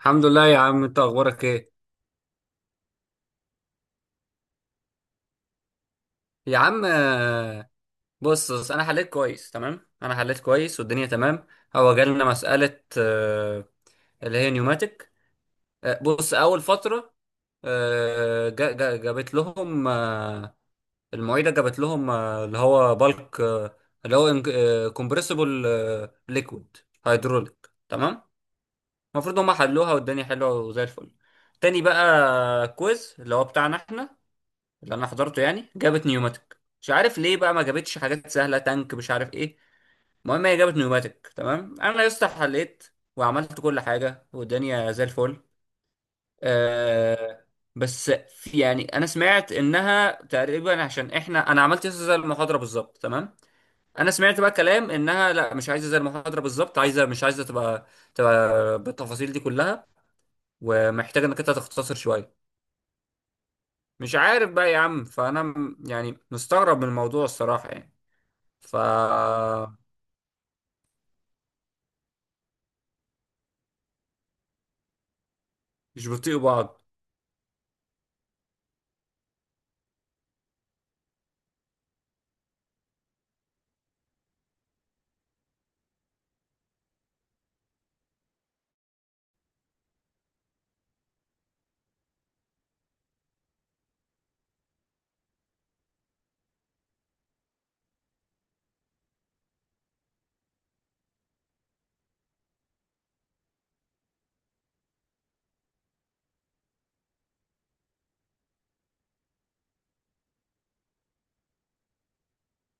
الحمد لله يا عم، انت اخبارك ايه؟ يا عم، بص بص انا حليت كويس تمام. انا حليت كويس والدنيا تمام. هو جالنا مسألة اللي هي نيوماتيك. بص، اول فترة جابت لهم، المعيدة جابت لهم اللي هو بالك، اللي هو كومبريسبل، ليكويد، هيدروليك، تمام. المفروض هم حلوها والدنيا حلوة وزي الفل. تاني بقى كويز اللي هو بتاعنا احنا، اللي انا حضرته يعني. جابت نيوماتيك، مش عارف ليه بقى ما جابتش حاجات سهله، تانك مش عارف ايه. المهم هي جابت نيوماتيك تمام. انا يا اسطى حليت وعملت كل حاجه والدنيا زي الفل. آه. بس في يعني انا سمعت انها تقريبا، عشان احنا انا عملت يا اسطى زي المحاضره بالظبط تمام. انا سمعت بقى كلام انها لا، مش عايزه زي المحاضره بالظبط، عايزه، مش عايزه تبقى بالتفاصيل دي كلها، ومحتاجه انك انت تختصر شويه. مش عارف بقى يا عم، فانا يعني مستغرب من الموضوع الصراحه يعني. ف مش بيطيقوا بعض.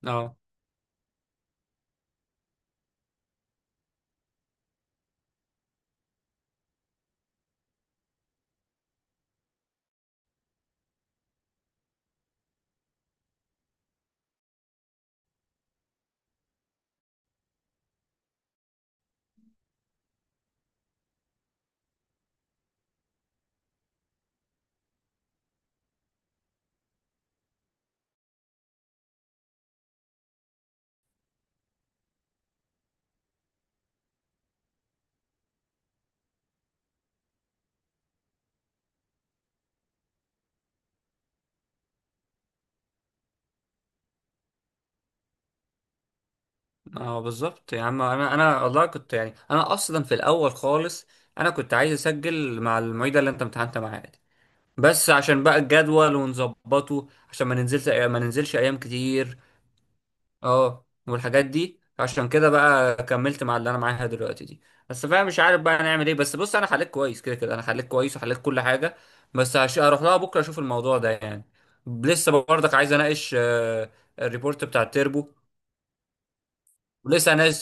اه اه بالظبط يا عم. انا والله كنت، يعني انا اصلا في الاول خالص انا كنت عايز اسجل مع المعيده اللي انت امتحنت معاها دي، بس عشان بقى الجدول ونظبطه عشان ما ننزلش ايام كتير. اه، والحاجات دي عشان كده بقى كملت مع اللي انا معاها دلوقتي دي. بس فاهم، مش عارف بقى نعمل ايه. بس بص انا حليت كويس كده كده، انا حليت كويس وحليت كل حاجه، بس هروح لها بكره اشوف الموضوع ده يعني. لسه برضك عايز اناقش الريبورت بتاع التربو، ولسه ناس.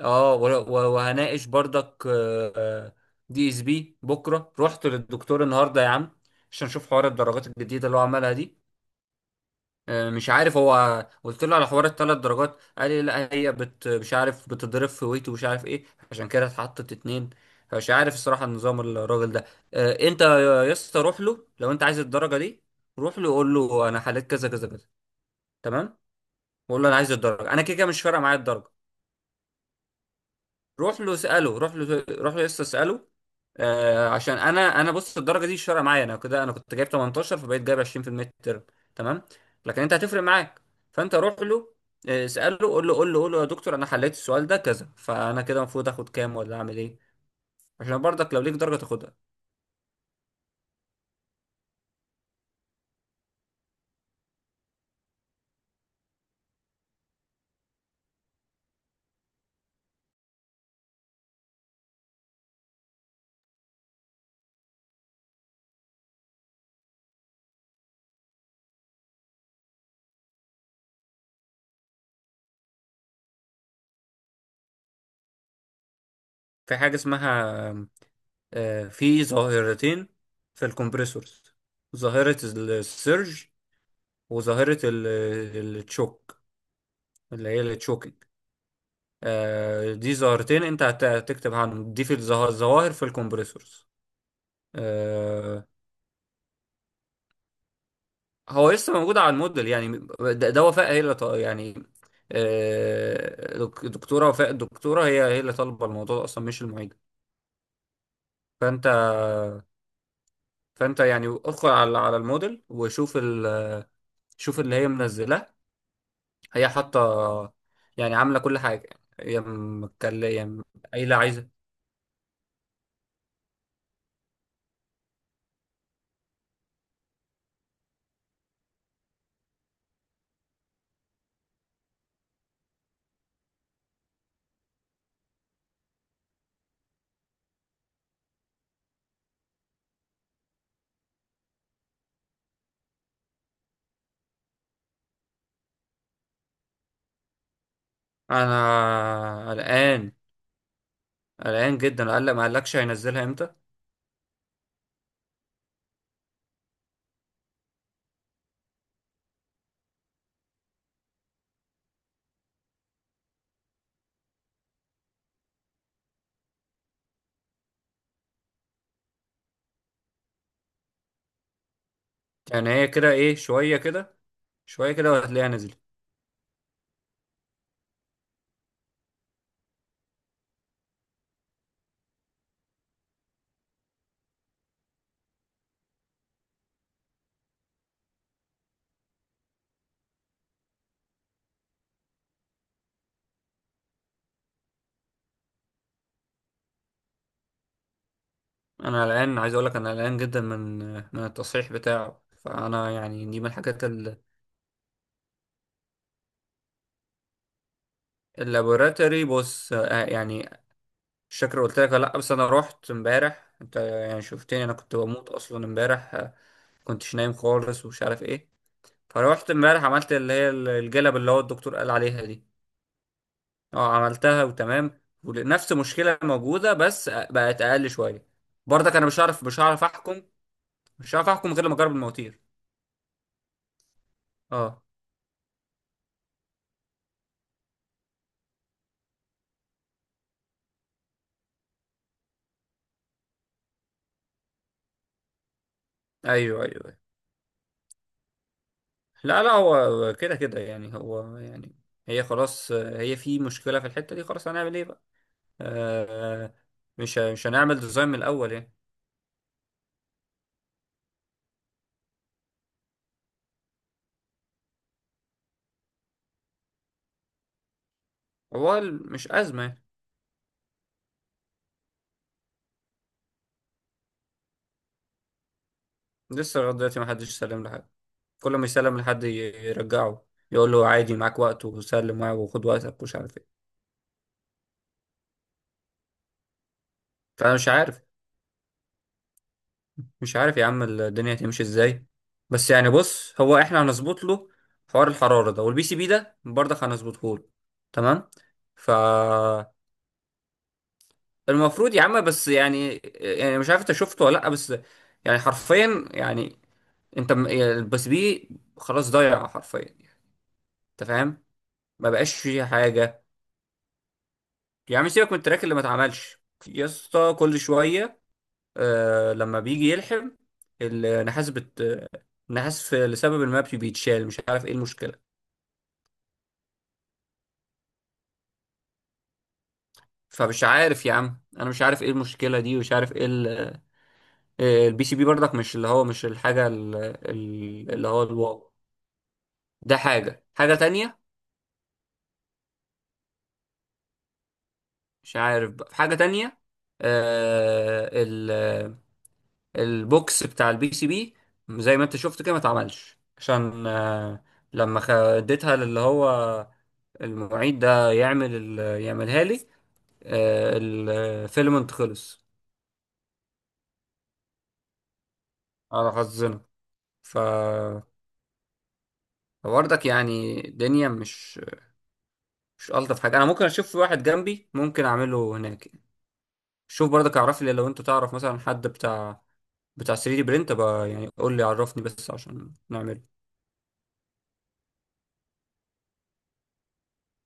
اه، وهناقش برضك دي اس بي بكره. رحت للدكتور النهارده يا عم عشان اشوف حوار الدرجات الجديده اللي هو عملها دي. مش عارف، هو قلت له على حوار الثلاث درجات، قال لي لا، هي بت مش عارف بتضرب في ويت ومش عارف ايه، عشان كده اتحطت اتنين. فمش عارف الصراحة النظام الراجل ده. انت يا اسطى، روح له لو انت عايز الدرجة دي. روح له قول له انا حليت كذا كذا كذا، تمام، وقول له انا عايز الدرجة. انا كده كده مش فارقة معايا الدرجة. روح له اساله، روح له، روح له لسه اساله. آه عشان انا بص، الدرجه دي مش فارقه معايا انا كده. انا كنت جايب 18 فبقيت جايب 20 في الميد ترم، تمام. لكن انت هتفرق معاك، فانت روح له اساله. قول له قول له قول له يا دكتور، انا حليت السؤال ده كذا، فانا كده المفروض اخد كام ولا اعمل ايه؟ عشان برضك لو ليك درجه تاخدها. في حاجه اسمها في ظاهرتين في الكمبريسورز: ظاهره السيرج، وظاهره التشوك اللي هي التشوكينج. دي ظاهرتين انت هتكتب عنهم، دي في الظواهر في الكمبريسورز. آه، هو لسه موجود على الموديل يعني. ده وفاء هي اللي يعني دكتورة وفاء، الدكتورة هي اللي طالبة الموضوع ده اصلا، مش المعيد. فانت فانت يعني ادخل على الموديل وشوف شوف اللي هي منزلاه. هي حاطة، يعني عاملة كل حاجة. هي متكلمة يعني، قايلة عايزة. انا قلقان، قلقان جدا. قال لك ما قالكش هينزلها امتى؟ يعني هي كده ايه، شوية كده شوية كده وهتلاقيها نزلت. انا قلقان، عايز اقول لك انا قلقان جدا من التصحيح بتاعه. فانا يعني دي من الحاجات اللابوراتوري. بص، يعني مش فاكر قلت لك ولا لا، بس انا رحت امبارح، انت يعني شفتني انا كنت بموت اصلا امبارح كنتش نايم خالص ومش عارف ايه. فروحت امبارح عملت اللي هي الجلب اللي هو الدكتور قال عليها دي. اه عملتها وتمام، ونفس مشكلة موجودة بس بقت اقل شوية. برضك انا مش عارف، احكم مش هعرف احكم غير لما اجرب المواتير. اه ايوه ايوه أيوة. لا لا، هو كده كده يعني. هو يعني هي خلاص هي في مشكله في الحته دي. خلاص هنعمل ايه بقى؟ آه. مش هنعمل ديزاين من الاول يعني. هو مش ازمه يعني. لسه لغايه دلوقتي ما حدش سلم لحد، كل ما يسلم لحد يرجعه، يقول له عادي معاك وقت وسلم معاه وخد وقتك ومش عارف ايه. فانا مش عارف، يا عم الدنيا هتمشي ازاي. بس يعني بص، هو احنا هنظبط له حوار الحرارة ده، والبي سي بي ده برضه هنظبطه له، تمام. ف المفروض يا عم، بس يعني مش عارف انت شفته ولا لا، بس يعني حرفيا يعني انت يعني البي سي بي خلاص ضايع حرفيا، انت فاهم، ما بقاش فيه حاجة. يا عم سيبك من التراك اللي ما اتعملش. يا اسطى كل شوية آه لما بيجي يلحم النحاس، النحاس لسبب ما بيتشال، مش عارف ايه المشكلة. فمش عارف يا عم، انا مش عارف ايه المشكلة دي ومش عارف ايه. البي سي بي برضك مش اللي هو، مش الحاجة اللي هو الواو، ده حاجة حاجة تانية. مش عارف بقى، في حاجة تانية. آه البوكس بتاع البي سي بي زي ما انت شفت كده ما اتعملش، عشان آه لما اديتها للي هو المعيد ده يعمل يعملها لي. الفيلم انت خلص، على حظنا. ف فبرضك يعني الدنيا مش الطف حاجه. انا ممكن اشوف في واحد جنبي ممكن اعمله هناك. شوف برضك، اعرف لي لو انت تعرف مثلا حد بتاع 3 دي برينت بقى، يعني قول لي، عرفني بس عشان نعمله.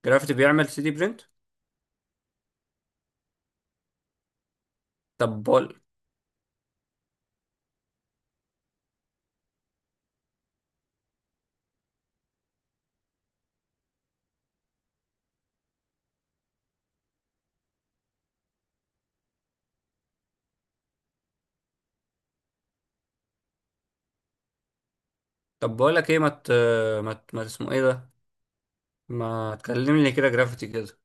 جرافيتي بيعمل 3 دي برينت. طب بقول طب بقول لك ايه، ما اسمه ايه ده؟ ما تكلمني كده جرافيتي كده.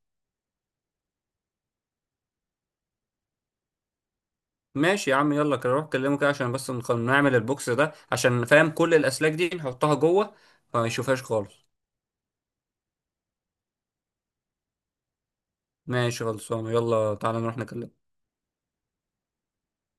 ماشي يا عم، يلا كده روح كلمه كده عشان بس نعمل البوكس ده عشان، فاهم، كل الأسلاك دي نحطها جوه، فما يشوفهاش خالص. ماشي خلصانة، يلا تعالى نروح نكلمه.